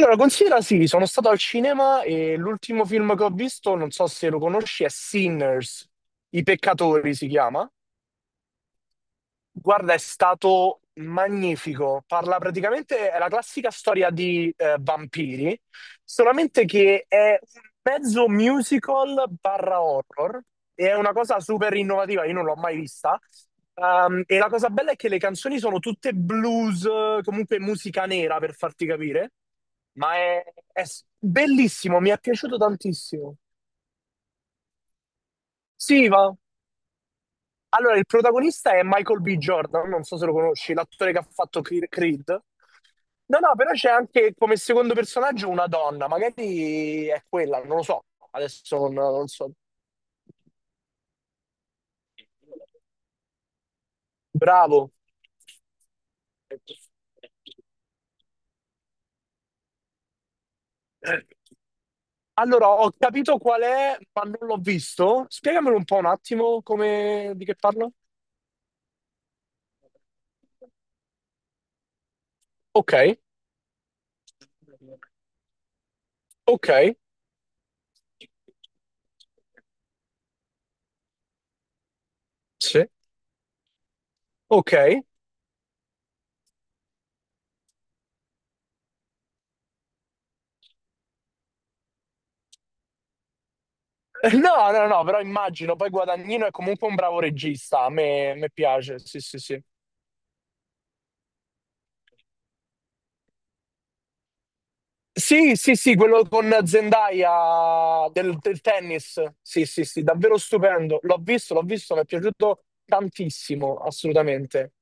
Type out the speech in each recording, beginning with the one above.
Allora, considera sì, sono stato al cinema e l'ultimo film che ho visto, non so se lo conosci, è Sinners, I peccatori si chiama. Guarda, è stato magnifico. Parla praticamente, è la classica storia di vampiri, solamente che è un mezzo musical barra horror e è una cosa super innovativa, io non l'ho mai vista. E la cosa bella è che le canzoni sono tutte blues, comunque musica nera per farti capire, ma è, bellissimo, mi è piaciuto tantissimo. Sì, va. Allora, il protagonista è Michael B. Jordan, non so se lo conosci, l'attore che ha fatto Creed. No, no, però c'è anche come secondo personaggio una donna, magari è quella, non lo so, adesso non so. Bravo. Allora, ho capito qual è, ma non l'ho visto. Spiegamelo un po' un attimo come di che parlo. Ok, ok, sì, ok. No, no, no, però immagino, poi Guadagnino è comunque un bravo regista, a me piace, sì, sì, sì. Sì, sì, sì, quello con Zendaya del tennis, sì, sì, sì, davvero stupendo, l'ho visto, mi è piaciuto tantissimo, assolutamente.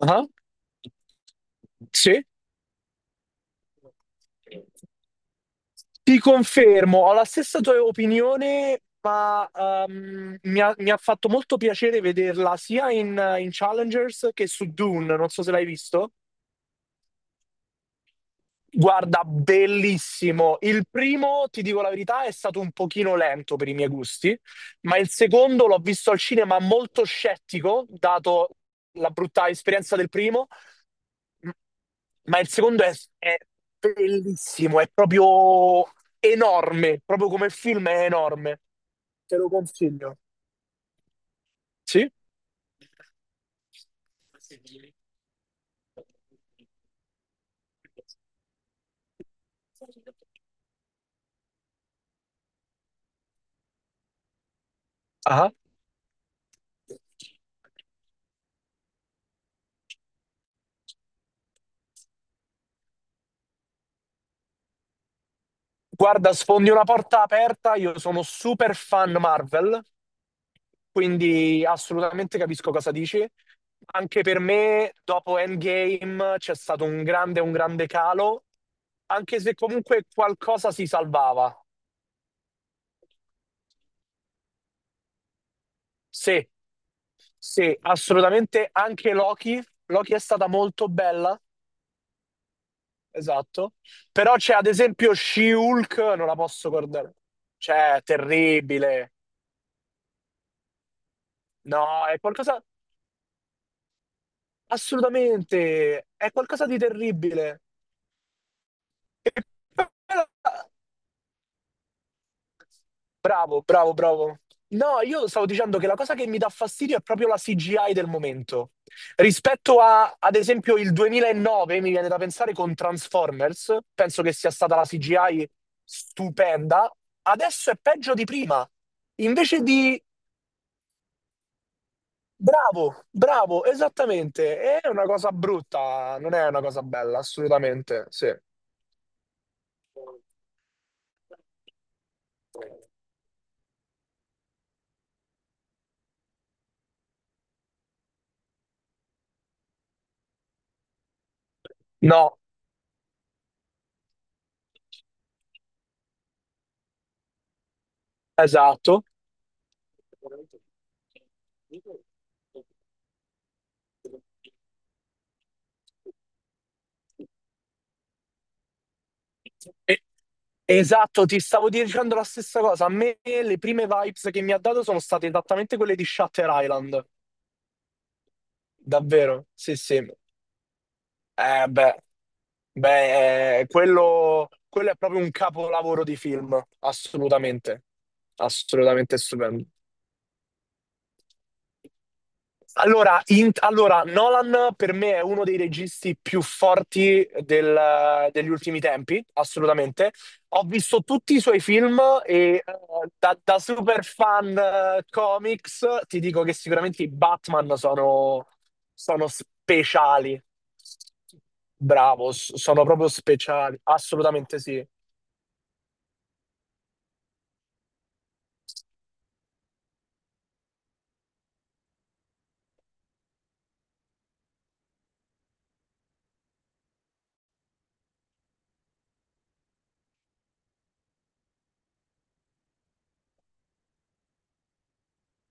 Ah, sì? Ti confermo, ho la stessa tua opinione, ma mi ha fatto molto piacere vederla sia in, in Challengers che su Dune, non so se l'hai visto. Guarda, bellissimo. Il primo, ti dico la verità, è stato un pochino lento per i miei gusti, ma il secondo l'ho visto al cinema molto scettico, dato la brutta esperienza del primo. Ma il secondo è bellissimo, è proprio enorme, proprio come film è enorme. Te lo consiglio. Sì? Ah. Guarda, sfondi una porta aperta, io sono super fan Marvel, quindi assolutamente capisco cosa dici. Anche per me, dopo Endgame, c'è stato un grande calo, anche se comunque qualcosa si salvava. Sì, sì, assolutamente. Anche Loki, Loki è stata molto bella, esatto. Però c'è ad esempio She-Hulk, non la posso guardare. Cioè, è terribile. No, è qualcosa. Assolutamente, è qualcosa di terribile. E poi la- bravo, bravo, bravo. No, io stavo dicendo che la cosa che mi dà fastidio è proprio la CGI del momento. Rispetto a, ad esempio, il 2009, mi viene da pensare con Transformers, penso che sia stata la CGI stupenda. Adesso è peggio di prima. Invece di... bravo, bravo, esattamente. È una cosa brutta, non è una cosa bella, assolutamente, sì. No, esatto. E- esatto, ti stavo dicendo la stessa cosa. A me le prime vibes che mi ha dato sono state esattamente quelle di Shutter Island. Davvero? Sì, sì. Beh, beh, quello, quello è proprio un capolavoro di film. Assolutamente. Assolutamente stupendo. Allora, allora, Nolan per me è uno dei registi più forti degli ultimi tempi, assolutamente. Ho visto tutti i suoi film e da, da super fan comics ti dico che sicuramente i Batman sono, sono speciali. Bravo, sono proprio speciali, assolutamente sì.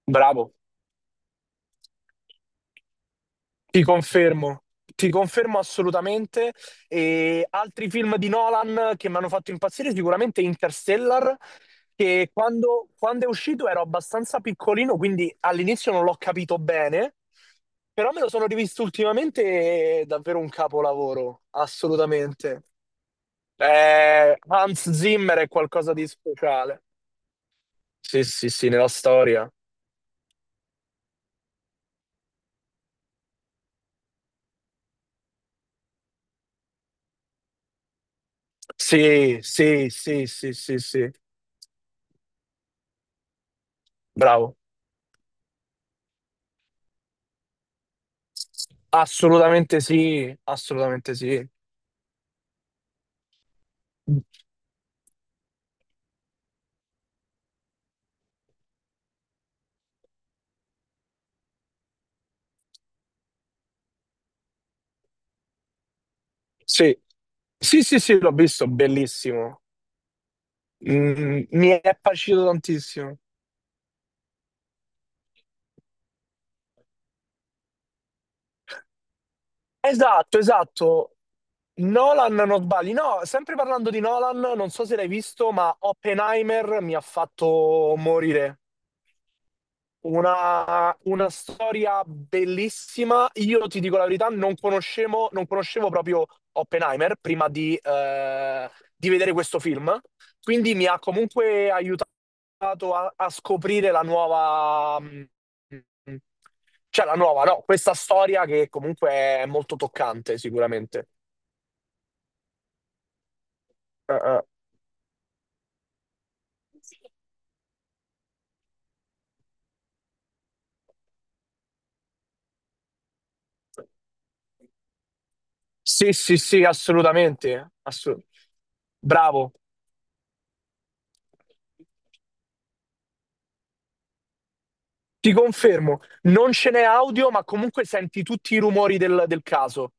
Bravo. Ti confermo, ti confermo assolutamente. E altri film di Nolan che mi hanno fatto impazzire, sicuramente Interstellar, che quando è uscito ero abbastanza piccolino, quindi all'inizio non l'ho capito bene, però me lo sono rivisto ultimamente e è davvero un capolavoro, assolutamente. Hans Zimmer è qualcosa di speciale. Sì, sì, sì, nella storia. Sì, sì, sì, sì, sì, sì. Bravo. Assolutamente sì, assolutamente sì. Sì, sì, sì, sì, l'ho visto, bellissimo. Mm, mi è piaciuto tantissimo. Esatto, esatto. Nolan, non sbagli. No, sempre parlando di Nolan, non so se l'hai visto, ma Oppenheimer mi ha fatto morire. Una storia bellissima. Io ti dico la verità, non conoscevo proprio Oppenheimer prima di vedere questo film, quindi mi ha comunque aiutato a, a scoprire la nuova, cioè la nuova, no, questa storia che comunque è molto toccante sicuramente. Eh. Sì, sì, sì, assolutamente. Assu- bravo. Ti confermo, non ce n'è audio, ma comunque senti tutti i rumori del, del caso.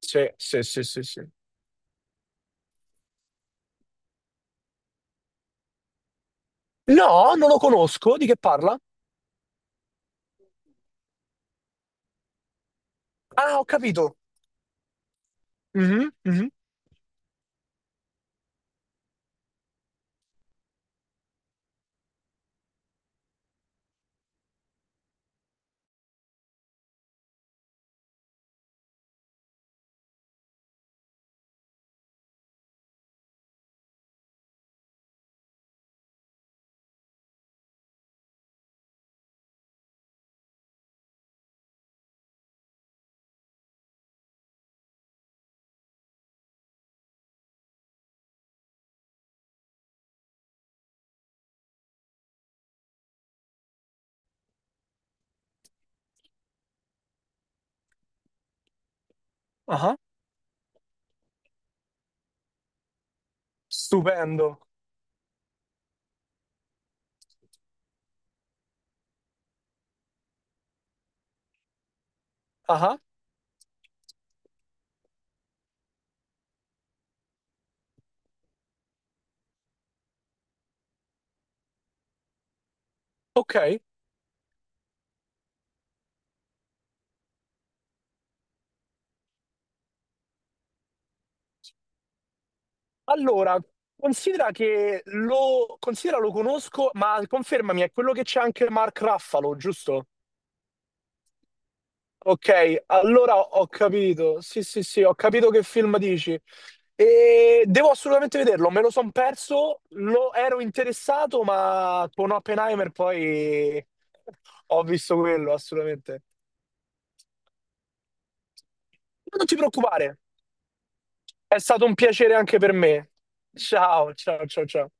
Sì, sì, sì, sì, sì. No, non lo conosco. Di che parla? Ah, ho capito. Mhm, mhm. Ah, stupendo. Ah, ok. Allora, considera che lo, considera lo conosco, ma confermami, è quello che c'è anche Mark Raffalo, giusto? Ok, allora ho capito. Sì, sì, sì, ho capito che film dici. E devo assolutamente vederlo, me lo son perso, lo ero interessato, ma con Oppenheimer poi ho visto quello, assolutamente. Ma non ti preoccupare, è stato un piacere anche per me. Ciao, ciao, ciao, ciao.